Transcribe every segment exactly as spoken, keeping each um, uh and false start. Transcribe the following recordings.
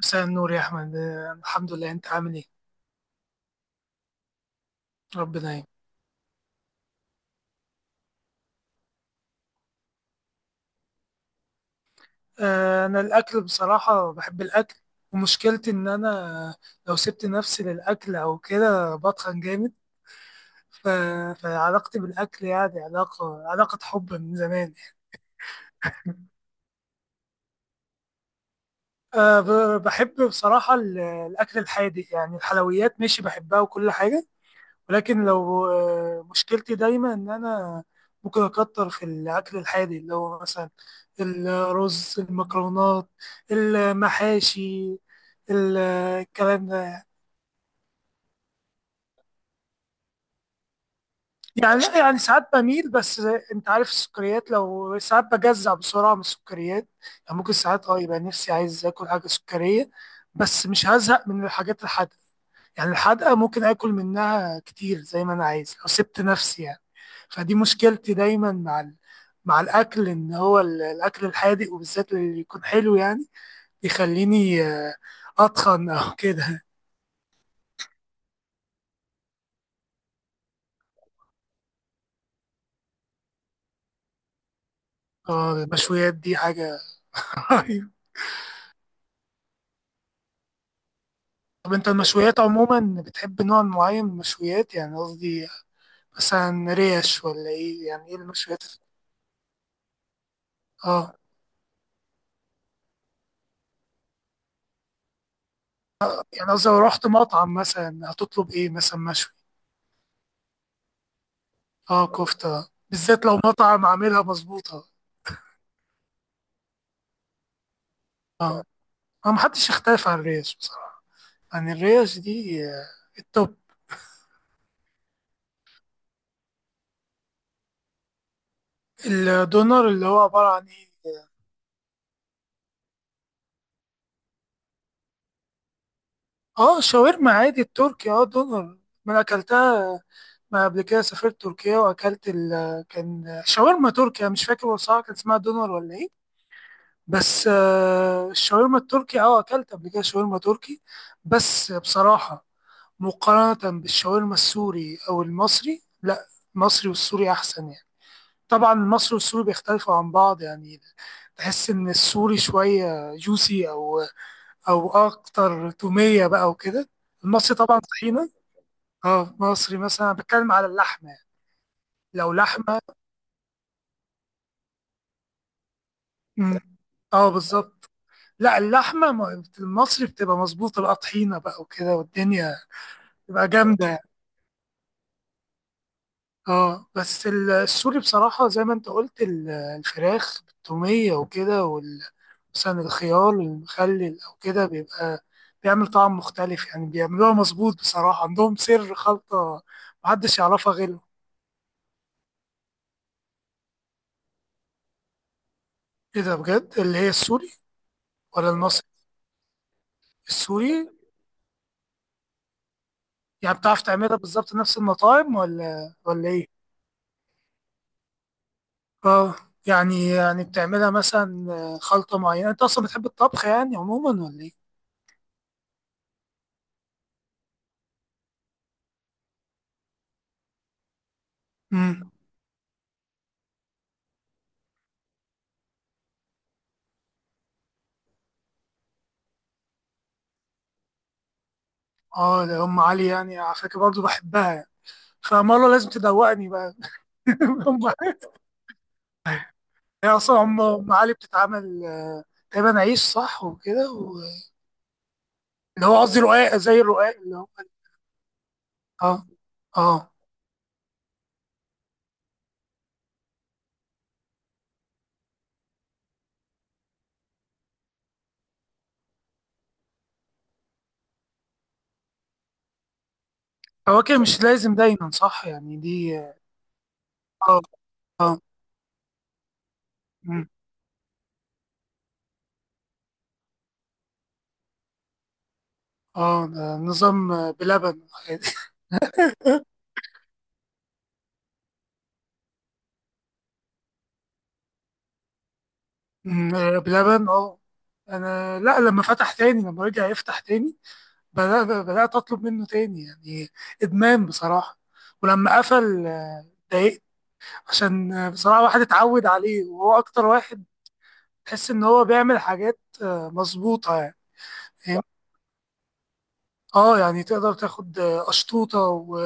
مساء النور يا أحمد، آه، الحمد لله. أنت عامل إيه؟ ربنا يعين. آه، أنا الأكل بصراحة بحب الأكل، ومشكلتي إن أنا لو سبت نفسي للأكل أو كده بتخن جامد. ف... فعلاقتي بالأكل يعني علاقة علاقة حب من زمان يعني. آه، ب- بحب بصراحة ال- الأكل الحادق، يعني الحلويات ماشي بحبها وكل حاجة، ولكن لو آه، مشكلتي دايما ان انا ممكن اكتر في الاكل الحادق، اللي هو مثلا الرز، المكرونات، المحاشي، ال- الكلام ده. يعني لا، يعني ساعات بميل، بس انت عارف السكريات، لو ساعات بجزع بسرعة من السكريات. يعني ممكن ساعات اه يبقى نفسي عايز اكل حاجة سكرية، بس مش هزهق من الحاجات الحادقة. يعني الحدقة ممكن آكل منها كتير زي ما أنا عايز لو سبت نفسي يعني. فدي مشكلتي دايما مع ال... مع الأكل، إن هو ال- الأكل الحادق وبالذات اللي يكون حلو يعني بيخليني آه، أتخن أو كده. آه، المشويات دي حاجة رهيبة. طب أنت المشويات عموما بتحب نوع معين من المشويات؟ يعني قصدي مثلا ريش ولا إيه؟ يعني إيه المشويات؟ اه يعني قصدي لو رحت مطعم مثلا هتطلب إيه مثلا مشوي؟ اه كفتة بالذات لو مطعم عاملها مظبوطة. ما محدش يختلف عن الريش بصراحة، يعني الريش دي آه، التوب. الدونر اللي هو عبارة عن ايه؟ اه شاورما عادي. التركي اه دونر، ما أنا اكلتها. ما قبل كده سافرت تركيا واكلت ال كان شاورما تركيا، مش فاكر بصراحة كان اسمها دونر ولا ايه. بس آه، الشاورما التركي اه اكلت قبل كده شاورما تركي، بس بصراحة مقارنة بالشاورما السوري او المصري لا، المصري والسوري احسن يعني. طبعا المصري والسوري بيختلفوا عن بعض يعني، تحس ان السوري شويه جوسي، او او اكتر توميه بقى وكده. المصري طبعا طحينه. اه مصري، مثلا أنا بتكلم على اللحمه يعني. لو لحمه. مم. اه بالظبط. لا اللحمه م- المصري بتبقى مظبوطه بقى، طحينه بقى وكده والدنيا بتبقى جامده. اه بس ال- السوري بصراحة زي ما انت قلت، ال- الفراخ بالتومية وكده، وال- مثلا الخيار المخلل او كده بيبقى بيعمل طعم مختلف يعني، بيعملوها مظبوط بصراحة، عندهم سر خلطة محدش يعرفها غيرهم. ايه ده بجد، اللي هي السوري ولا المصري؟ السوري؟ يعني بتعرف تعملها بالظبط نفس المطاعم ولا ولا ايه؟ اه، يعني يعني بتعملها مثلا خلطة معينة؟ انت اصلا بتحب الطبخ يعني عموما ولا ايه؟ مم. اه ده ام علي، يعني على فكره برضه بحبها يعني، فمره لازم تدوقني بقى. ام علي. هي اصلا ام أم علي بتتعمل آه، تقريبا عيش صح وكده و- اللي هو قصدي رقاق، زي الرقاق اللي هو. اه. اه فواكه مش لازم دايما صح؟ يعني دي اه. اه. اه. مم. اه ده نظام آه، بلبن. مم. آه، بلبن اه. انا لا، لما فتح تاني، لما رجع يفتح تاني، بدأت بدأت أطلب منه تاني يعني، إدمان بصراحة. ولما قفل آه، اتضايقت، عشان آه، بصراحة واحد اتعود عليه، وهو أكتر واحد تحس إن هو بيعمل حاجات آه، مظبوطة يعني. فاهم؟ اه يعني تقدر تاخد آه، أشطوطة، و-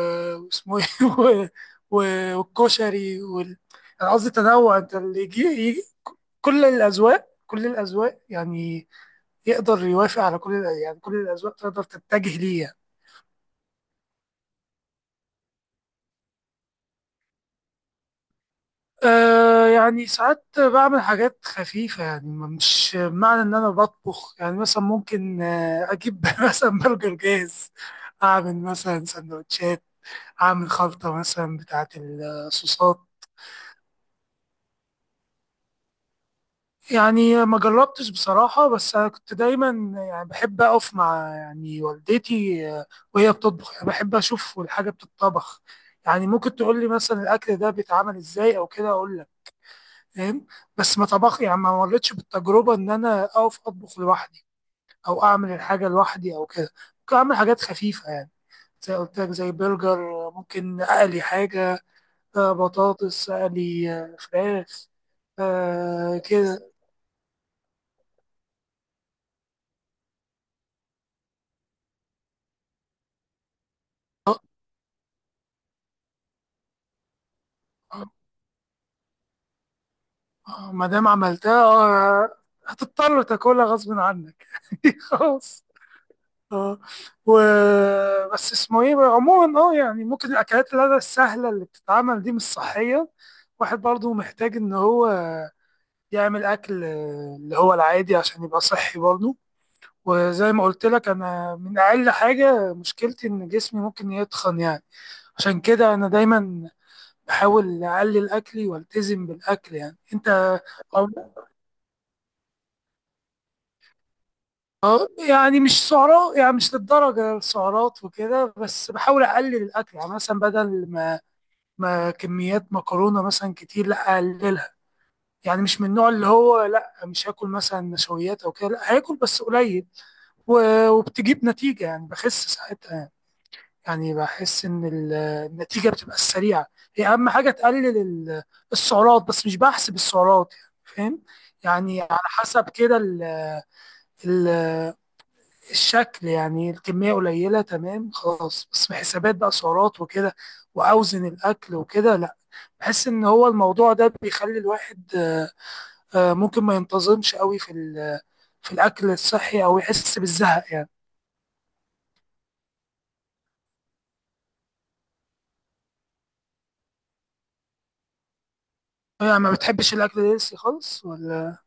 واسمه ايه و- و- والكشري وال... أنا قصدي تنوع، انت اللي يجي يجي. كل الأذواق كل الأذواق يعني، يقدر يوافق على كل الأ- يعني كل الأذواق تقدر تتجه ليه يعني. أه يعني ساعات بعمل حاجات خفيفة، يعني مش معنى إن أنا بطبخ. يعني مثلا ممكن آه، أجيب مثلا برجر جاهز، أعمل مثلا سندوتشات، أعمل خلطة مثلا بتاعة الصوصات. يعني ما جربتش بصراحة، بس أنا كنت دايما يعني بحب أقف مع يعني والدتي آه، وهي بتطبخ، يعني بحب أشوف الحاجة بتطبخ. يعني ممكن تقول لي مثلا الأكل ده بيتعمل إزاي أو كده، أقول فاهم. بس ما طبخ يعني، ما مرتش بالتجربة إن أنا أقف أطبخ لوحدي، أو أعمل الحاجة لوحدي أو كده. ممكن أعمل حاجات خفيفة يعني، زي قلت لك زي برجر، ممكن أقلي حاجة آه، بطاطس، أقلي آه، فراخ، آه كده. آه، آه، ما دام عملتها آه، هتضطر تاكلها غصب عنك. خلاص. اه. و بس اسمه ايه بقى؟ عموما اه، يعني ممكن الاكلات اللي السهله اللي بتتعمل دي مش صحيه، واحد برضه محتاج ان هو يعمل اكل آه، اللي هو العادي عشان يبقى صحي برضه. وزي ما قلت لك انا، من اقل حاجه مشكلتي ان جسمي ممكن يتخن يعني، عشان كده انا دايما بحاول اقلل اكلي والتزم بالاكل يعني. انت اه. يعني مش سعرات، يعني مش للدرجه السعرات وكده، بس بحاول اقلل الاكل. يعني مثلا بدل ما ما كميات مكرونه مثلا كتير، لا اقللها. يعني مش من النوع اللي هو لا مش هاكل مثلا نشويات او كده، لا هاكل بس قليل. و- وبتجيب نتيجه يعني، بخس ساعتها يعني. يعني بحس ان ال- النتيجه بتبقى سريعه. هي اهم حاجه تقلل ال- السعرات، بس مش بحسب السعرات يعني، فاهم؟ يعني على حسب كده ال- ال- الشكل، يعني الكميه قليله تمام، خلاص. بس في حسابات بقى سعرات وكده، واوزن الاكل وكده، بحس ان هو الموضوع ده بيخلي الواحد آه، ممكن ما ينتظمش قوي في ال- في الاكل الصحي، او يحس بالزهق يعني. آه، يعني ما بتحبش الاكل الهيلثي خالص ولا؟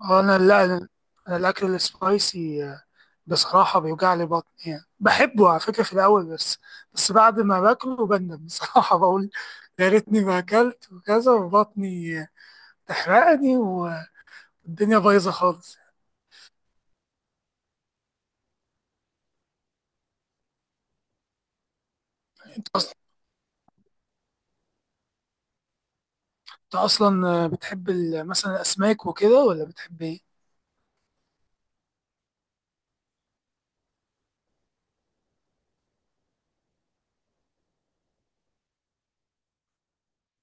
آه، انا لا، أنا الاكل السبايسي آه، بصراحة بيوجع لي بطني، يعني بحبه على فكرة في الاول، بس بس بعد ما باكله بندم بصراحة. بقول يا ريتني ما اكلت، وكذا، وبطني تحرقني، والدنيا بايظة خالص. أص- انت اصلا آه، بتحب ال- مثلا الاسماك وكده ولا بتحب ايه؟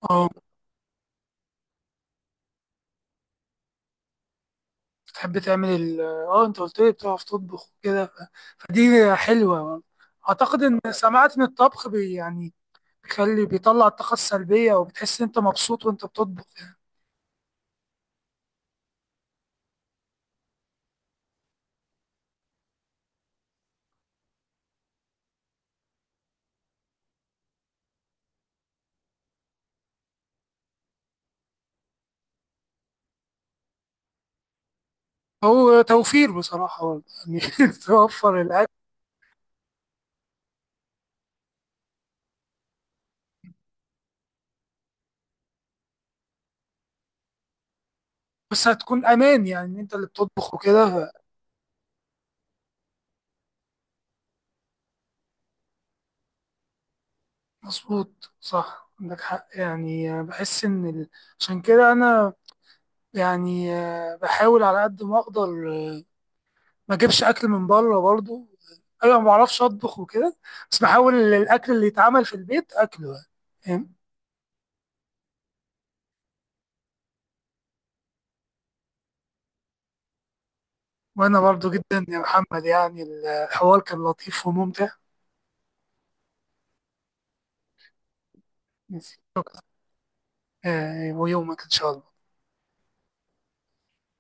اه تحب تعمل ال اه انت قلت لي بتعرف تطبخ وكده، فدي حلوة برضه. اعتقد ان سمعت ان الطبخ بي يعني بيخلي، بيطلع الطاقة السلبية، وبتحس ان انت مبسوط وانت بتطبخ يعني. هو توفير بصراحة برضه، يعني توفر الاكل. بس هتكون امان يعني، ان انت اللي بتطبخ وكده. ف- مظبوط، صح، عندك حق. يعني بحس ان ال... عشان كده انا، يعني بحاول على قد ما اقدر ما اجيبش اكل من بره برضه. انا ما بعرفش اطبخ وكده، بس بحاول الاكل اللي يتعمل في البيت اكله يعني، فاهم؟ وانا برضه جدا يا محمد، يعني الحوار كان لطيف وممتع. شكرا. آه، ويومك ان شاء الله.